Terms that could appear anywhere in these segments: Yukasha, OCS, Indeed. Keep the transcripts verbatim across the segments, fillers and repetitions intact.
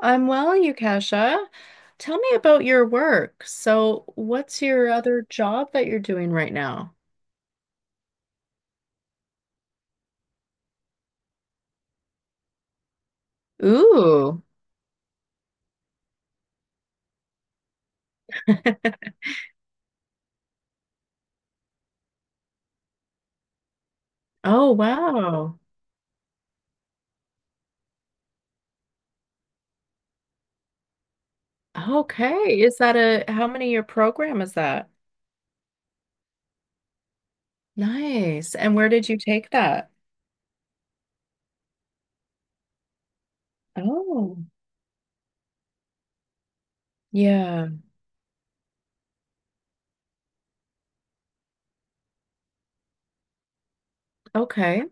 I'm well, Yukasha. Tell me about your work. So, what's your other job that you're doing right now? Ooh. Oh, wow. Okay. Is that a how many year program is that? Nice. And where did you take that? Oh, yeah. Okay.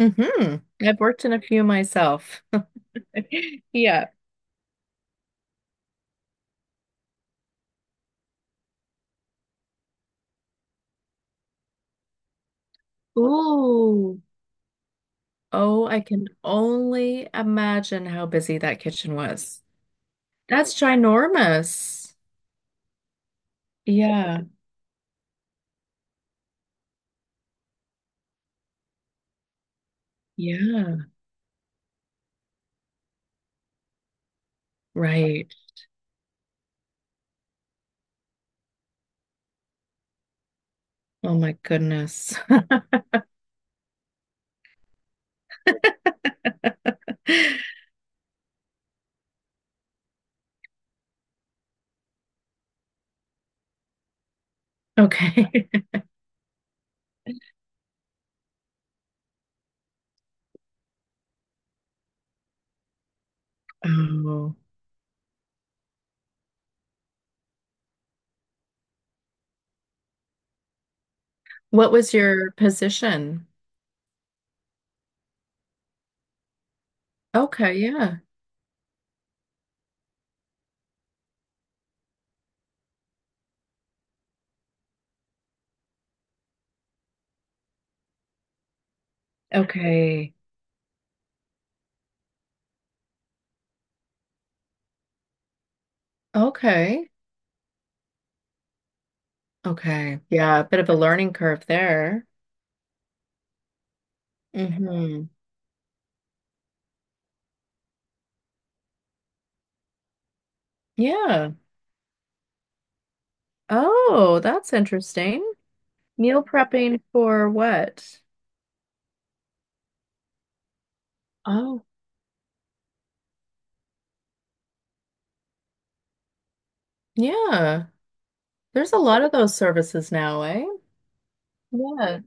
hmm I've worked in a few myself. Yeah. Ooh. Oh, I can only imagine how busy that kitchen was. That's ginormous. Yeah. Yeah. Yeah. Right. Oh my goodness. Okay. Oh. What was your position? Okay, yeah. Okay. Okay. Okay. Yeah, a bit of a learning curve there. Hmm Yeah. Oh, that's interesting. Meal prepping for what? Oh, yeah. There's a lot of those services now, eh? Yeah.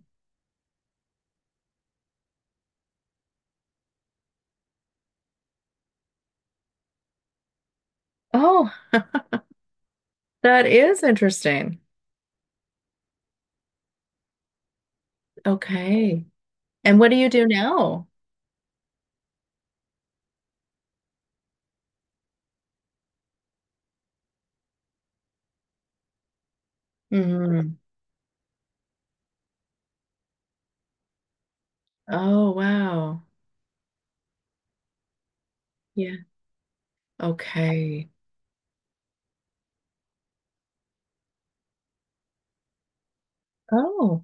Oh. That is interesting. Okay. And what do you do now? Mhm. Oh, wow. Yeah. Okay. Oh.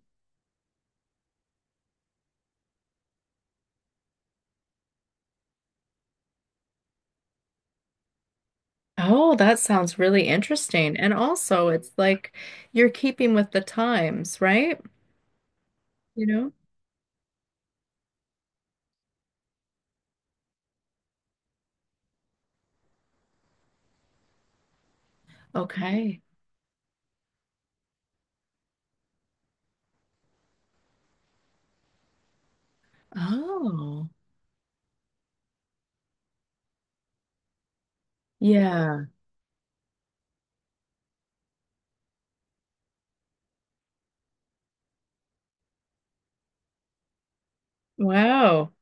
Oh, that sounds really interesting. And also, it's like you're keeping with the times, right? You know? Okay. Oh. Yeah. Wow.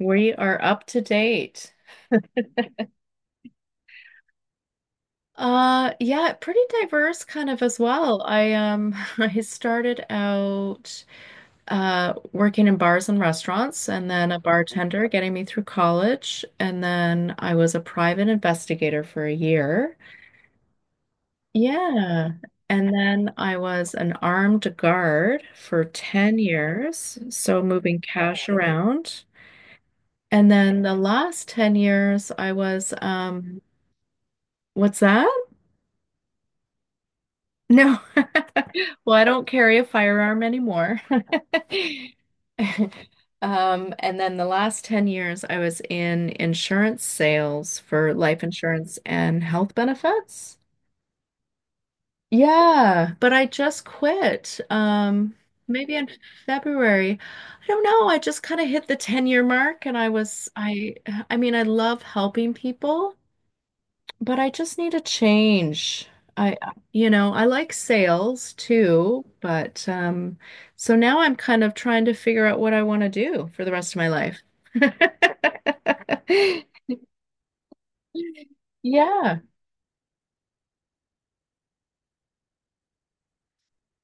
We are up to date. Uh, yeah, pretty diverse kind of as well. I um I started out uh, working in bars and restaurants, and then a bartender getting me through college. And then I was a private investigator for a year. Yeah. And then I was an armed guard for ten years, so moving cash around. And then the last ten years, I was, um, what's that? No. Well, I don't carry a firearm anymore. Um, and then the last ten years, I was in insurance sales for life insurance and health benefits. Yeah, but I just quit. Um, maybe in February. I don't know. I just kind of hit the ten year mark and I was I I mean, I love helping people. But I just need a change. I, I- you know, I like sales too, but um, so now I'm kind of trying to figure out what I want to do for the rest of my life. Yeah.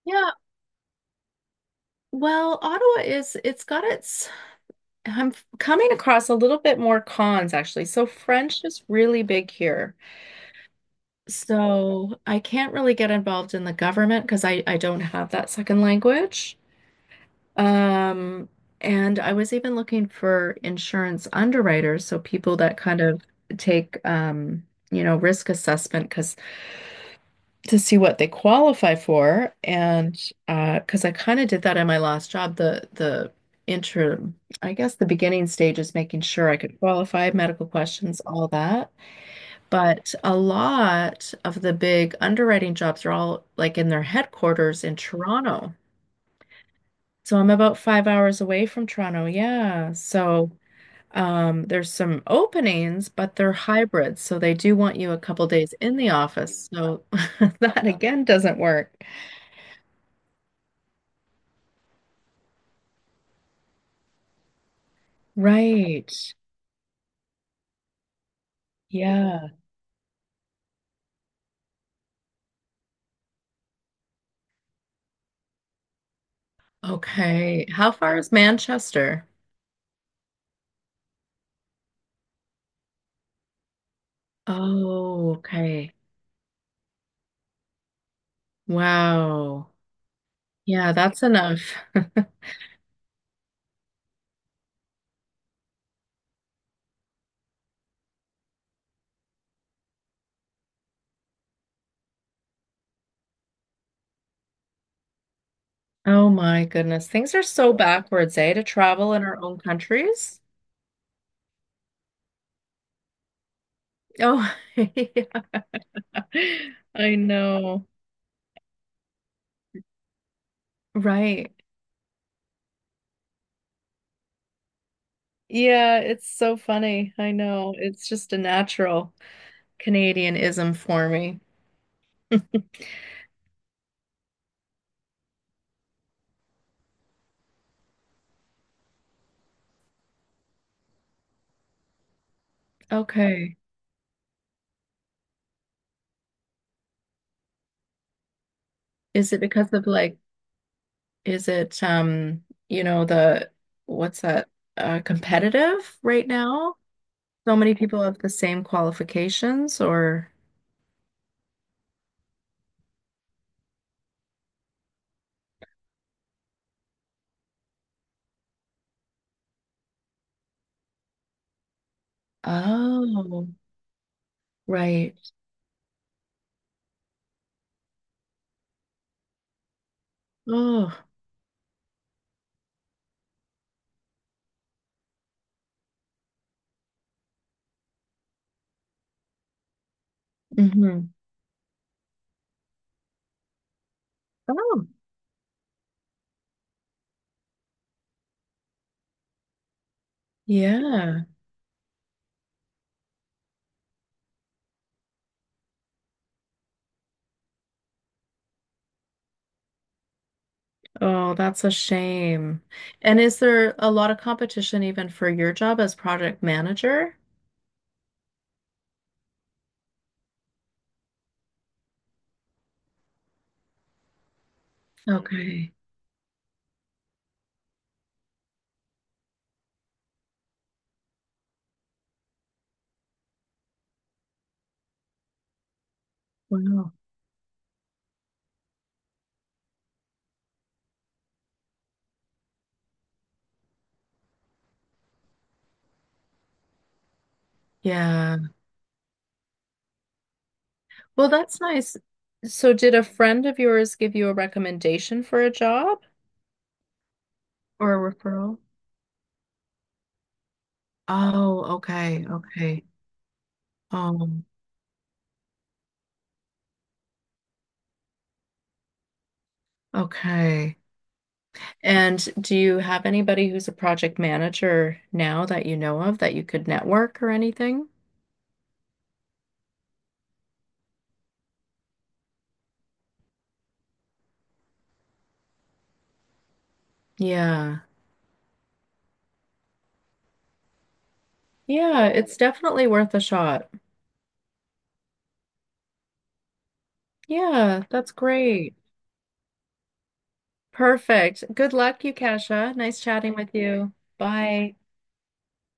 Yeah. Well, Ottawa is, it's got its, I'm f- coming across a little bit more cons actually. So French is really big here. So I can't really get involved in the government because I, I don't have that second language. Um, and I was even looking for insurance underwriters, so people that kind of take um, you know, risk assessment because to see what they qualify for. And uh, because I kind of did that in my last job, the the intro, I guess the beginning stage is making sure I could qualify, medical questions, all that. But a lot of the big underwriting jobs are all like in their headquarters in Toronto. So I'm about five hours away from Toronto. Yeah. So um, there's some openings, but they're hybrids. So they do want you a couple days in the office. So that again doesn't work. Right. Yeah. Okay. How far is Manchester? Oh, okay. Wow. Yeah, that's enough. Oh my goodness. Things are so backwards, eh, to travel in our own countries. Oh, yeah. I know. Right. Yeah, it's so funny. I know. It's just a natural Canadianism for me. Okay. Is it because of like, is it um, you know, the what's that, uh, competitive right now? So many people have the same qualifications or oh, right. Oh, hmm Oh, yeah. Oh, that's a shame. And is there a lot of competition even for your job as project manager? Okay. Wow. Yeah. Well, that's nice. So, did a friend of yours give you a recommendation for a job or a referral? Oh, okay. Okay. Um, okay. And do you have anybody who's a project manager now that you know of that you could network or anything? Yeah. Yeah, it's definitely worth a shot. Yeah, that's great. Perfect. Good luck, Yukasha. Nice chatting with you. Bye.